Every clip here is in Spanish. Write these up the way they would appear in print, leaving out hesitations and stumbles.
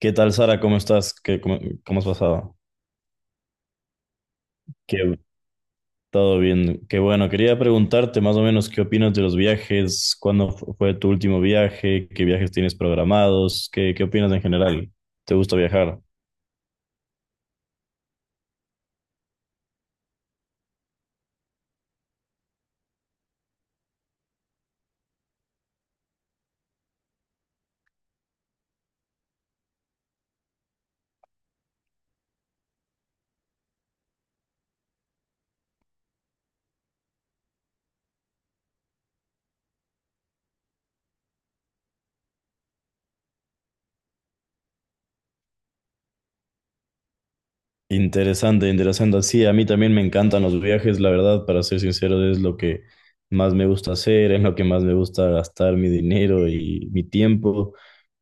¿Qué tal, Sara? ¿Cómo estás? ¿Cómo has pasado? Qué, Todo bien. Qué bueno. Quería preguntarte más o menos qué opinas de los viajes, cuándo fue tu último viaje, qué viajes tienes programados, qué opinas en general. ¿Te gusta viajar? Interesante, interesante. Sí, a mí también me encantan los viajes, la verdad, para ser sincero, es lo que más me gusta hacer, es lo que más me gusta gastar mi dinero y mi tiempo.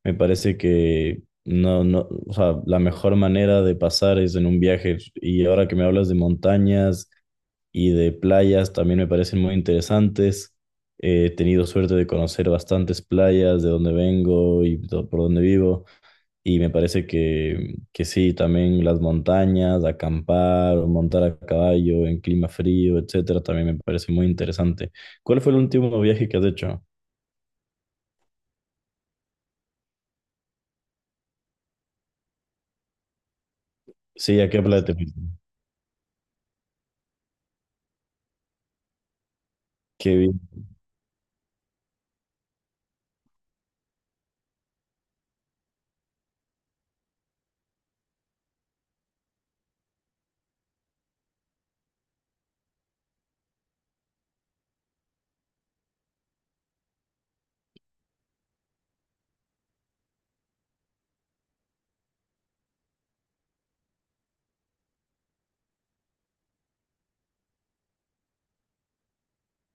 Me parece que no, o sea, la mejor manera de pasar es en un viaje. Y ahora que me hablas de montañas y de playas, también me parecen muy interesantes. He tenido suerte de conocer bastantes playas de donde vengo y por donde vivo. Y me parece que sí, también las montañas, acampar o montar a caballo en clima frío, etcétera, también me parece muy interesante. ¿Cuál fue el último viaje que has hecho? Sí, ¿a qué playa te fuiste? Qué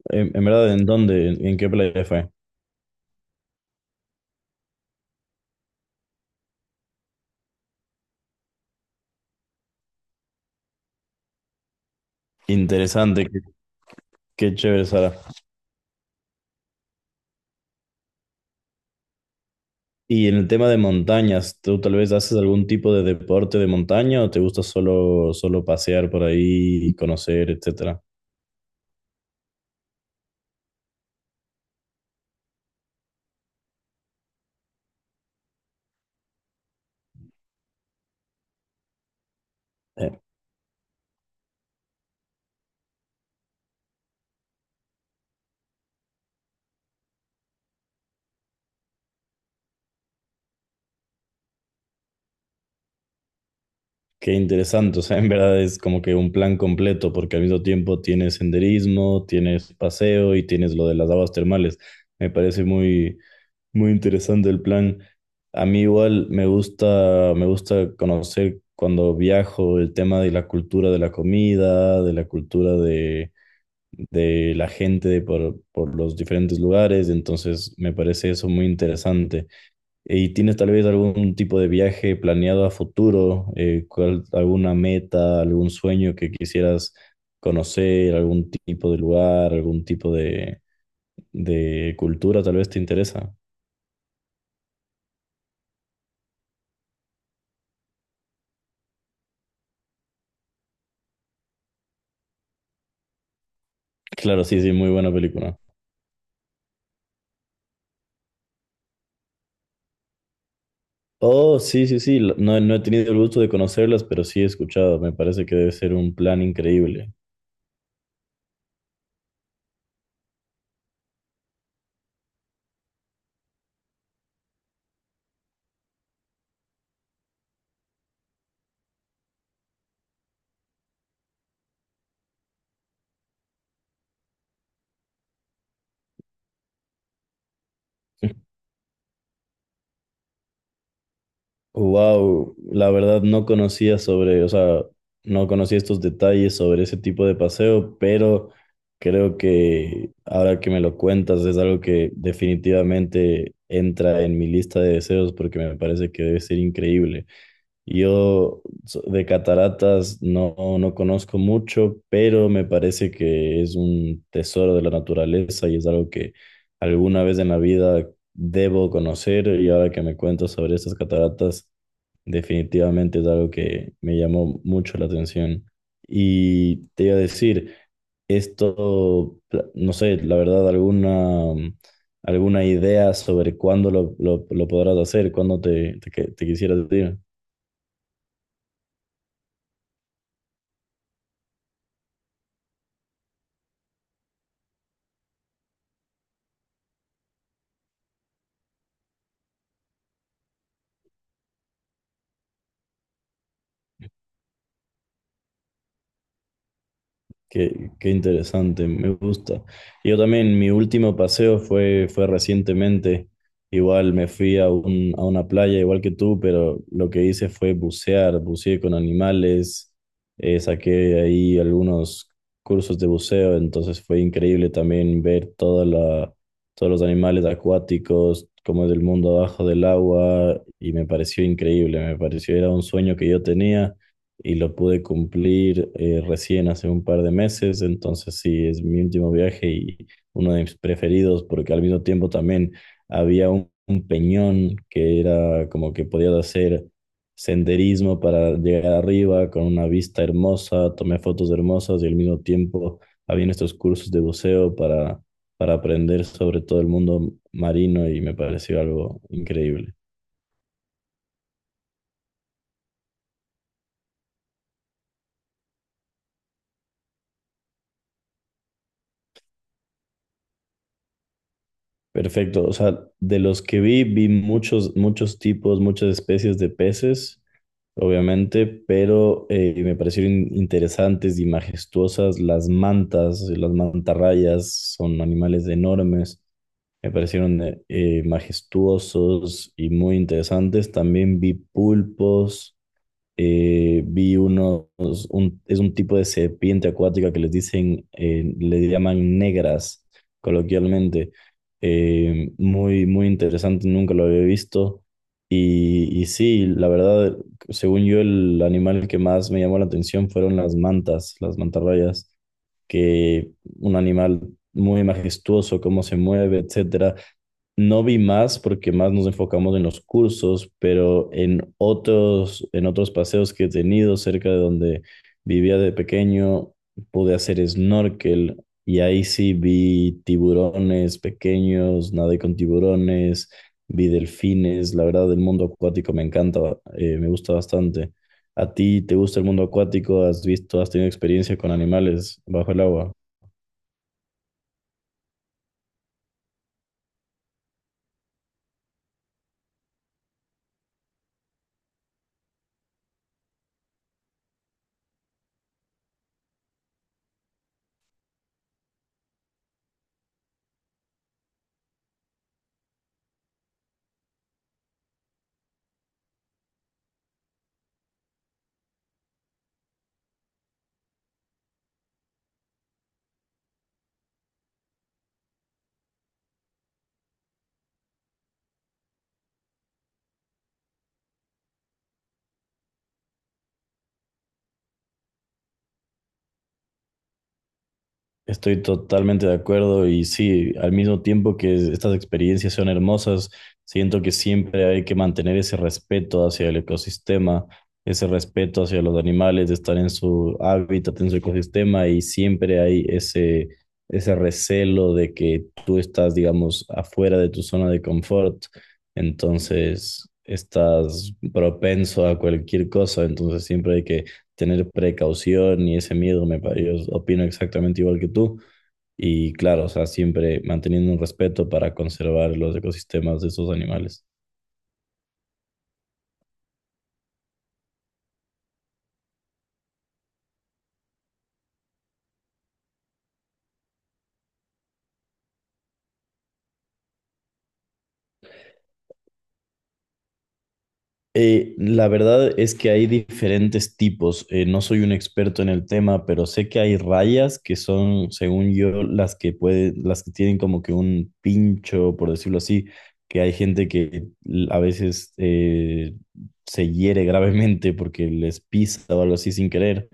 En verdad, ¿en dónde? ¿En qué playa fue? Interesante, qué chévere, Sara. Y en el tema de montañas, ¿tú tal vez haces algún tipo de deporte de montaña o te gusta solo pasear por ahí, conocer, etcétera? Eh, Qué interesante, o sea, en verdad es como que un plan completo porque al mismo tiempo tienes senderismo, tienes paseo y tienes lo de las aguas termales. Me parece muy, Muy interesante el plan. A mí igual me gusta conocer cuando viajo el tema de la cultura de la comida, de la cultura de la gente de por los diferentes lugares, entonces me parece eso muy interesante. ¿Y tienes tal vez algún tipo de viaje planeado a futuro? Alguna meta, algún sueño que quisieras conocer, algún tipo de lugar, algún tipo de cultura tal vez te interesa? Claro, sí, sí, muy buena película. Oh, sí, sí, sí. No, no he tenido el gusto de conocerlas, pero sí he escuchado. Me parece que debe ser un plan increíble. Wow, la verdad no conocía sobre, o sea, no conocía estos detalles sobre ese tipo de paseo, pero creo que ahora que me lo cuentas es algo que definitivamente entra en mi lista de deseos porque me parece que debe ser increíble. Yo de cataratas no conozco mucho, pero me parece que es un tesoro de la naturaleza y es algo que alguna vez en la vida debo conocer y ahora que me cuento sobre estas cataratas, definitivamente es algo que me llamó mucho la atención. Y te iba a decir, esto, no sé, la verdad, alguna idea sobre cuándo lo podrás hacer, cuándo te quisieras ir. Qué interesante, me gusta. Yo también, mi último paseo fue recientemente. Igual me fui a, a una playa, igual que tú, pero lo que hice fue bucear, buceé con animales, saqué ahí algunos cursos de buceo, entonces fue increíble también ver toda todos los animales acuáticos, cómo es el mundo abajo del agua, y me pareció increíble, me pareció era un sueño que yo tenía y lo pude cumplir recién hace un par de meses, entonces sí, es mi último viaje y uno de mis preferidos porque al mismo tiempo también había un peñón que era como que podías hacer senderismo para llegar arriba con una vista hermosa, tomé fotos hermosas y al mismo tiempo había estos cursos de buceo para aprender sobre todo el mundo marino y me pareció algo increíble. Perfecto. O sea, de los que vi, vi muchos tipos, muchas especies de peces, obviamente, pero me parecieron interesantes y majestuosas las mantas, las mantarrayas, son animales enormes. Me parecieron majestuosos y muy interesantes. También vi pulpos, eh, vi unos, es un tipo de serpiente acuática que les dicen, le llaman negras coloquialmente. Muy interesante, nunca lo había visto. Y sí, la verdad, según yo, el animal que más me llamó la atención fueron las mantas, las mantarrayas que un animal muy majestuoso, cómo se mueve, etcétera. No vi más porque más nos enfocamos en los cursos, pero en otros paseos que he tenido cerca de donde vivía de pequeño, pude hacer snorkel y ahí sí vi tiburones pequeños, nadé con tiburones, vi delfines, la verdad el mundo acuático me encanta, me gusta bastante. ¿A ti te gusta el mundo acuático? ¿Has visto, has tenido experiencia con animales bajo el agua? Estoy totalmente de acuerdo y sí, al mismo tiempo que estas experiencias son hermosas, siento que siempre hay que mantener ese respeto hacia el ecosistema, ese respeto hacia los animales, de estar en su hábitat, en su ecosistema y siempre hay ese recelo de que tú estás, digamos, afuera de tu zona de confort, entonces estás propenso a cualquier cosa, entonces siempre hay que tener precaución y ese miedo, yo opino exactamente igual que tú. Y claro, o sea, siempre manteniendo un respeto para conservar los ecosistemas de esos animales. La verdad es que hay diferentes tipos. No soy un experto en el tema, pero sé que hay rayas que son, según yo, las las que tienen como que un pincho, por decirlo así, que hay gente que a veces se hiere gravemente porque les pisa o algo así sin querer.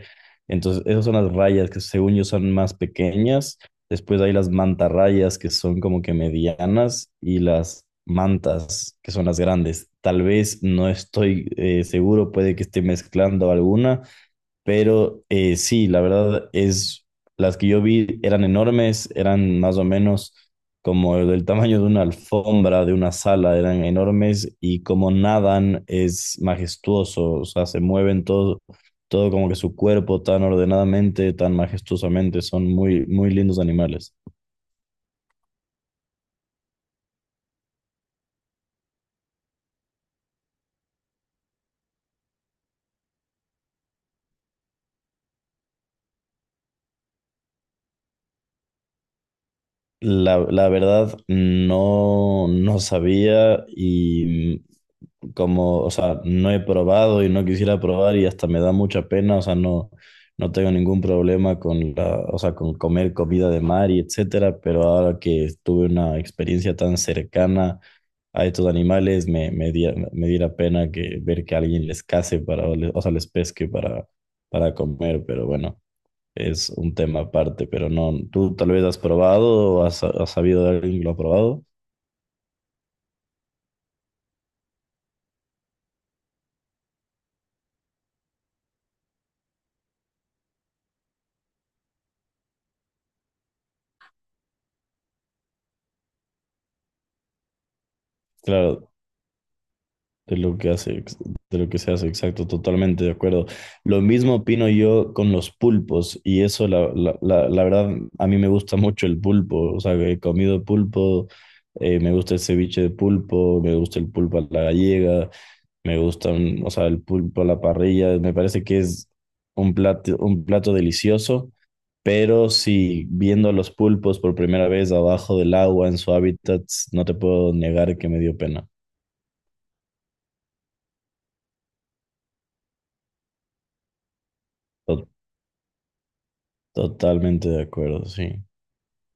Entonces, esas son las rayas que según yo son más pequeñas. Después hay las mantarrayas, que son como que medianas, y las mantas, que son las grandes. Tal vez no estoy seguro, puede que esté mezclando alguna, pero sí, la verdad es, las que yo vi eran enormes, eran más o menos como del tamaño de una alfombra, de una sala, eran enormes y como nadan es majestuoso, o sea, se mueven todo como que su cuerpo tan ordenadamente, tan majestuosamente, son muy lindos animales. La verdad no sabía y como, o sea, no he probado y no quisiera probar y hasta me da mucha pena, o sea, no, no tengo ningún problema con o sea, con comer comida de mar y etcétera, pero ahora que tuve una experiencia tan cercana a estos animales, me diera pena que ver que alguien les case o sea, les pesque para comer, pero bueno. Es un tema aparte, pero no, tú tal vez has probado o has sabido de alguien que lo ha probado. Claro, De lo que hace, ex- de lo que se hace, exacto, totalmente de acuerdo. Lo mismo opino yo con los pulpos, y eso la verdad, a mí me gusta mucho el pulpo, o sea, he comido pulpo, me gusta el ceviche de pulpo, me gusta el pulpo a la gallega, me gusta, o sea, el pulpo a la parrilla, me parece que es un plato delicioso, pero si viendo a los pulpos por primera vez abajo del agua en su hábitat, no te puedo negar que me dio pena. Totalmente de acuerdo, sí.